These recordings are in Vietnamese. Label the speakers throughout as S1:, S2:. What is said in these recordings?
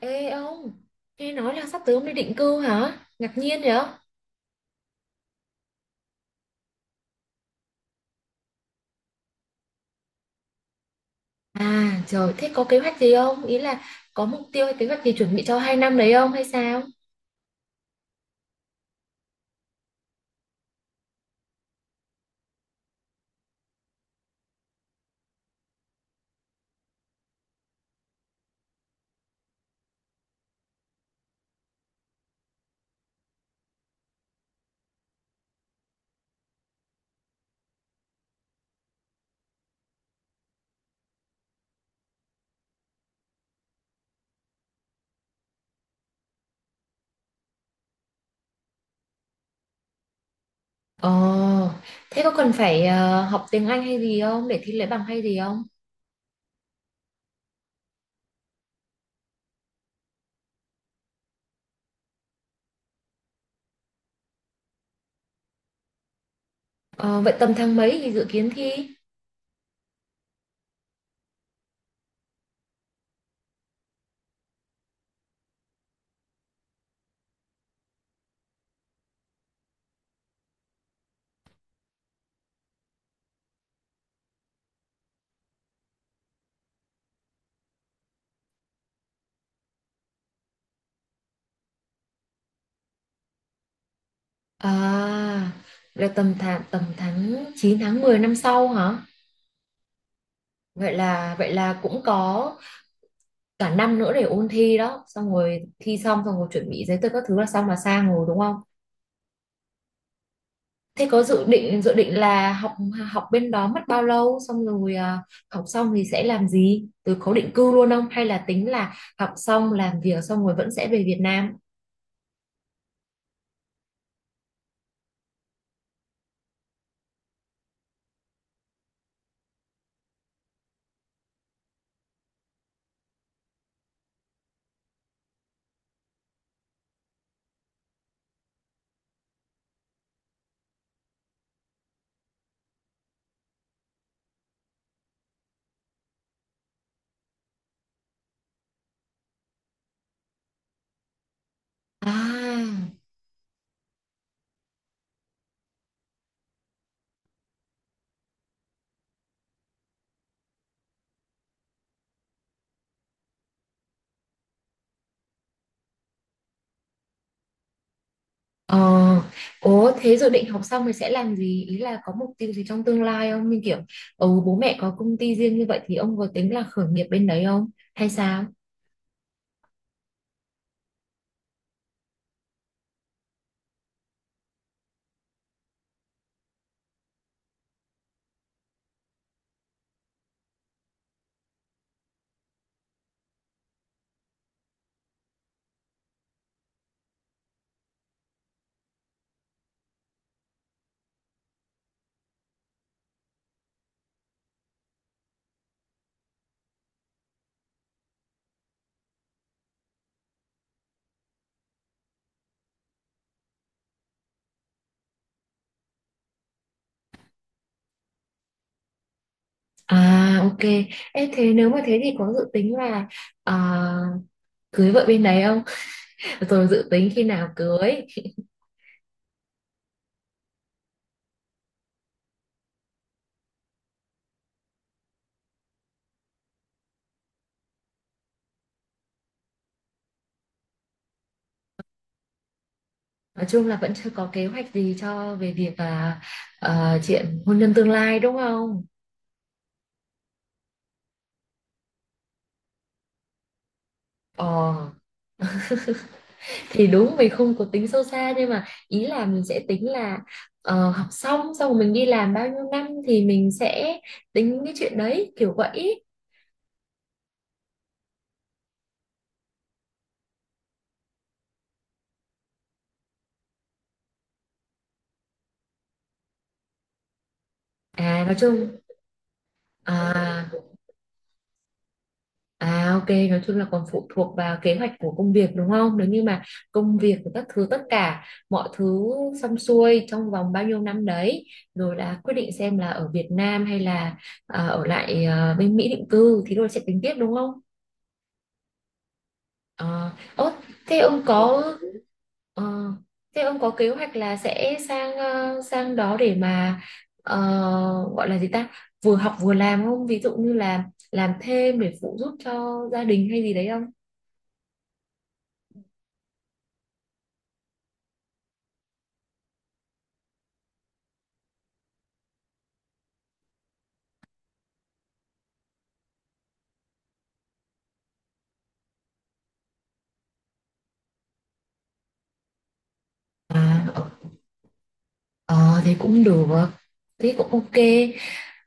S1: Ê ông, nghe nói là sắp tới ông đi định cư hả? Ngạc nhiên vậy? À trời, thế có kế hoạch gì không? Ý là có mục tiêu hay kế hoạch gì chuẩn bị cho 2 năm đấy không hay sao? Ồ, thế có cần phải học tiếng Anh hay gì không? Để thi lấy bằng hay gì không? Ờ, vậy tầm tháng mấy thì dự kiến thi? À, là tầm tháng 9 tháng 10 năm sau hả? Vậy là cũng có cả năm nữa để ôn thi đó, xong rồi thi xong xong rồi chuẩn bị giấy tờ các thứ là xong là sang rồi đúng không? Thế có dự định là học học bên đó mất bao lâu, xong rồi à, học xong thì sẽ làm gì? Từ có định cư luôn không, hay là tính là học xong làm việc xong rồi vẫn sẽ về Việt Nam? À. Ờ, ố thế dự định học xong thì sẽ làm gì? Ý là có mục tiêu gì trong tương lai không? Như kiểu bố mẹ có công ty riêng như vậy thì ông có tính là khởi nghiệp bên đấy không? Hay sao? À, ok. Ê, thế nếu mà thế thì có dự tính là à, cưới vợ bên đấy không? Rồi dự tính khi nào cưới? Nói chung là vẫn chưa có kế hoạch gì cho về việc là chuyện hôn nhân tương lai đúng không? Ờ thì đúng mình không có tính sâu xa, nhưng mà ý là mình sẽ tính là học xong xong rồi mình đi làm bao nhiêu năm thì mình sẽ tính cái chuyện đấy kiểu vậy. À nói chung à. À, ok, nói chung là còn phụ thuộc vào kế hoạch của công việc đúng không? Nếu như mà công việc của các thứ, tất cả mọi thứ xong xuôi trong vòng bao nhiêu năm đấy, rồi là quyết định xem là ở Việt Nam hay là ở lại bên Mỹ định cư, thì rồi sẽ tính tiếp đúng không? Ờ, thế ông có ờ, kế hoạch là sẽ sang sang đó để mà ờ, gọi là gì ta? Vừa học vừa làm không? Ví dụ như là làm thêm để phụ giúp cho gia đình hay gì đấy không? À, ờ thì cũng được, thế cũng ok.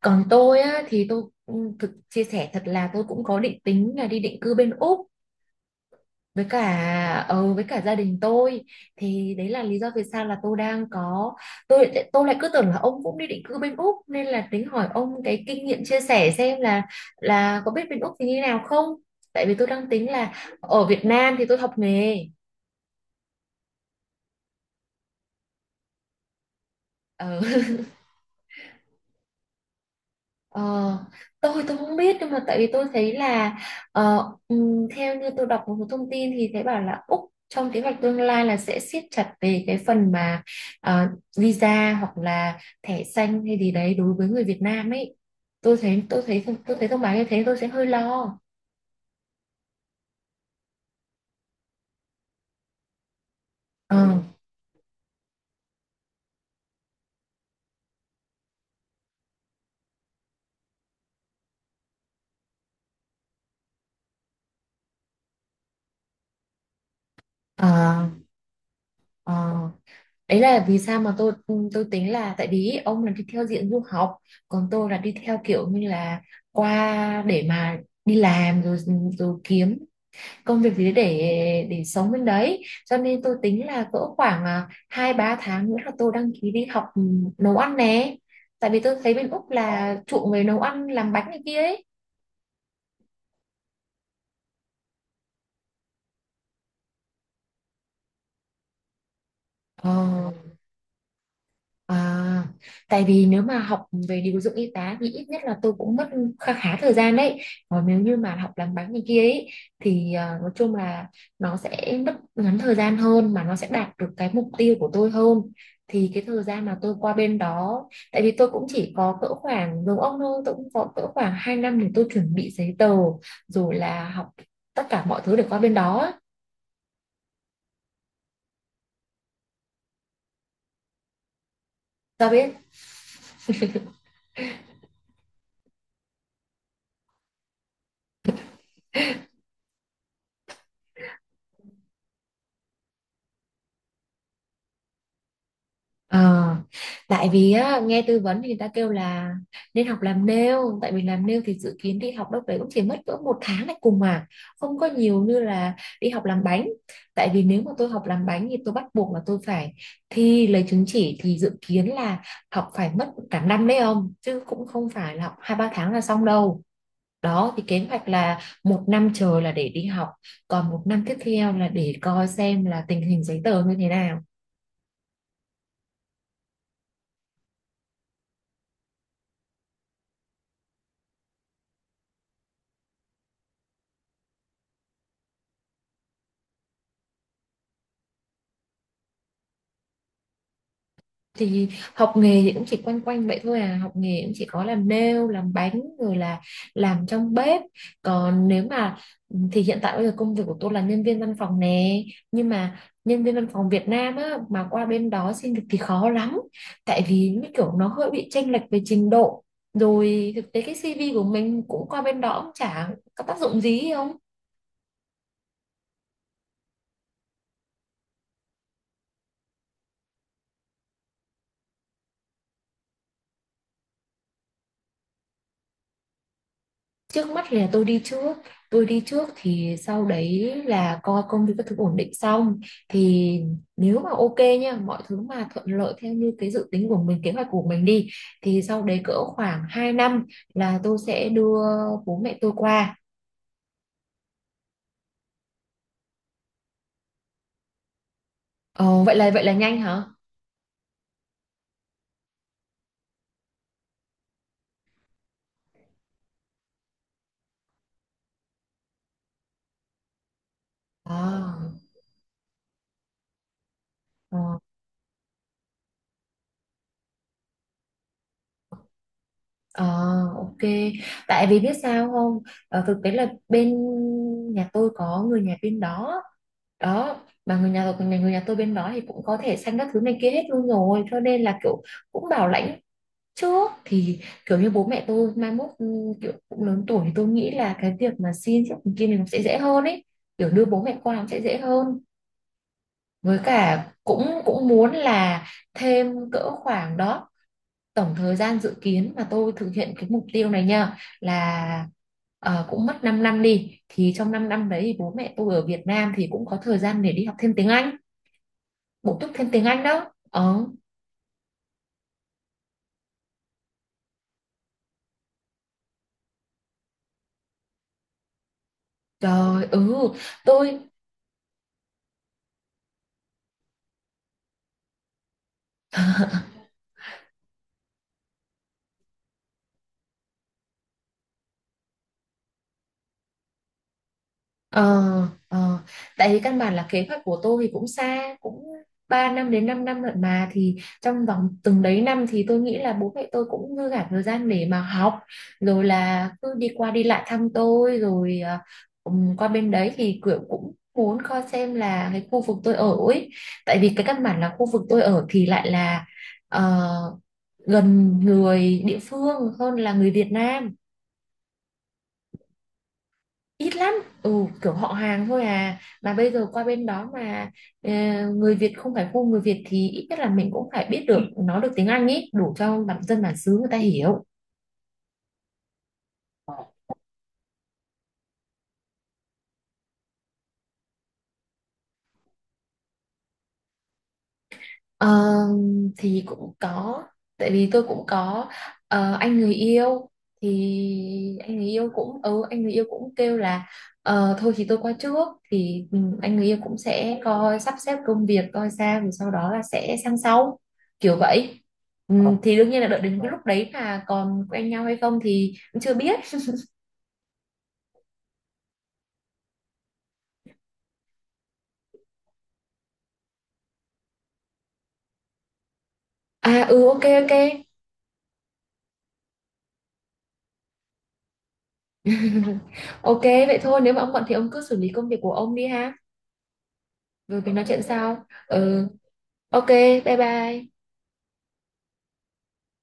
S1: Còn tôi á, thì tôi thực chia sẻ thật là tôi cũng có định tính là đi định cư bên Úc với cả gia đình tôi. Thì đấy là lý do vì sao là tôi đang có tôi lại cứ tưởng là ông cũng đi định cư bên Úc, nên là tính hỏi ông cái kinh nghiệm chia sẻ xem là có biết bên Úc thì như nào không? Tại vì tôi đang tính là ở Việt Nam thì tôi học nghề. Ờ, ờ, tôi không biết, nhưng mà tại vì tôi thấy là theo như tôi đọc một số thông tin thì thấy bảo là Úc trong kế hoạch tương lai là sẽ siết chặt về cái phần mà ờ, visa hoặc là thẻ xanh hay gì đấy đối với người Việt Nam ấy. Tôi thấy thông báo như thế, tôi sẽ hơi lo. ờ ờ ờ Đấy là vì sao mà tôi tính là tại vì ông là đi theo diện du học, còn tôi là đi theo kiểu như là qua để mà đi làm rồi rồi kiếm công việc gì để sống bên đấy, cho nên tôi tính là cỡ khoảng hai ba tháng nữa là tôi đăng ký đi học nấu ăn nè. Tại vì tôi thấy bên Úc là chuộng về nấu ăn, làm bánh này kia ấy. ờ À, tại vì nếu mà học về điều dưỡng y tá thì ít nhất là tôi cũng mất khá khá thời gian đấy. Còn nếu như mà học làm bánh này kia ấy thì nói chung là nó sẽ mất ngắn thời gian hơn, mà nó sẽ đạt được cái mục tiêu của tôi hơn. Thì cái thời gian mà tôi qua bên đó, tại vì tôi cũng chỉ có cỡ khoảng giống ông thôi, tôi cũng có cỡ khoảng 2 năm để tôi chuẩn bị giấy tờ rồi là học tất cả mọi thứ để qua bên đó. Sao biết? Ờ, tại vì á, nghe tư vấn thì người ta kêu là nên học làm nail. Tại vì làm nail thì dự kiến đi học đâu đấy cũng chỉ mất cỡ 1 tháng này cùng, mà không có nhiều như là đi học làm bánh. Tại vì nếu mà tôi học làm bánh thì tôi bắt buộc là tôi phải thi lấy chứng chỉ, thì dự kiến là học phải mất cả năm đấy ông, chứ cũng không phải là học hai ba tháng là xong đâu. Đó thì kế hoạch là 1 năm trời là để đi học, còn 1 năm tiếp theo là để coi xem là tình hình giấy tờ như thế nào. Thì học nghề thì cũng chỉ quanh quanh vậy thôi à, học nghề cũng chỉ có làm nail, làm bánh, rồi là làm trong bếp. Còn nếu mà thì hiện tại bây giờ công việc của tôi là nhân viên văn phòng nè, nhưng mà nhân viên văn phòng Việt Nam á mà qua bên đó xin việc thì khó lắm. Tại vì như kiểu nó hơi bị chênh lệch về trình độ, rồi thực tế cái CV của mình cũng qua bên đó cũng chả có tác dụng gì không. Trước mắt thì là tôi đi trước, thì sau đấy là coi công việc các thứ ổn định xong, thì nếu mà ok nha, mọi thứ mà thuận lợi theo như cái dự tính của mình, kế hoạch của mình đi, thì sau đấy cỡ khoảng 2 năm là tôi sẽ đưa bố mẹ tôi qua. Ờ, vậy là nhanh hả? À, ờ. Ờ, ok. Tại vì biết sao không? Ờ, thực tế là bên nhà tôi có người nhà bên đó đó, mà người nhà tôi bên đó thì cũng có thể sanh các thứ này kia hết luôn rồi, cho nên là kiểu cũng bảo lãnh trước. Thì kiểu như bố mẹ tôi mai mốt kiểu cũng lớn tuổi, thì tôi nghĩ là cái việc mà xin trước kia này nó sẽ dễ hơn ấy, kiểu đưa bố mẹ qua nó sẽ dễ hơn. Với cả cũng cũng muốn là thêm cỡ khoảng đó, tổng thời gian dự kiến mà tôi thực hiện cái mục tiêu này nha là cũng mất 5 năm đi, thì trong 5 năm đấy thì bố mẹ tôi ở Việt Nam thì cũng có thời gian để đi học thêm tiếng Anh, bổ túc thêm tiếng Anh đó. Ờ Trời, ừ, tôi. Ờ, ờ. Tại vì căn bản là kế hoạch của tôi thì cũng xa, cũng 3 năm đến 5 năm lận, mà thì trong vòng từng đấy năm thì tôi nghĩ là bố mẹ tôi cũng dư cả thời gian để mà học, rồi là cứ đi qua đi lại thăm tôi rồi. Qua bên đấy thì kiểu cũng muốn coi xem là cái khu vực tôi ở ấy, tại vì cái căn bản là khu vực tôi ở thì lại là ờ, gần người địa phương hơn là người Việt Nam, ít lắm. ừ Kiểu họ hàng thôi à, mà bây giờ qua bên đó mà ờ, người Việt, không phải khu người Việt, thì ít nhất là mình cũng phải biết được, nói được tiếng Anh ý, đủ cho bản dân bản xứ người ta hiểu. Ờ, thì cũng có, tại vì tôi cũng có anh người yêu, thì anh người yêu cũng anh người yêu cũng kêu là thôi thì tôi qua trước, thì anh người yêu cũng sẽ coi sắp xếp công việc coi sao, rồi sau đó là sẽ sang sau, kiểu vậy. Thì đương nhiên là đợi đến cái lúc đấy là còn quen nhau hay không thì cũng chưa biết. À, ừ, ok, ok. Ok, vậy thôi, nếu mà ông bận thì ông cứ xử lý công việc của ông đi ha, rồi mình nói chuyện sau. Ừ. Ok, bye bye.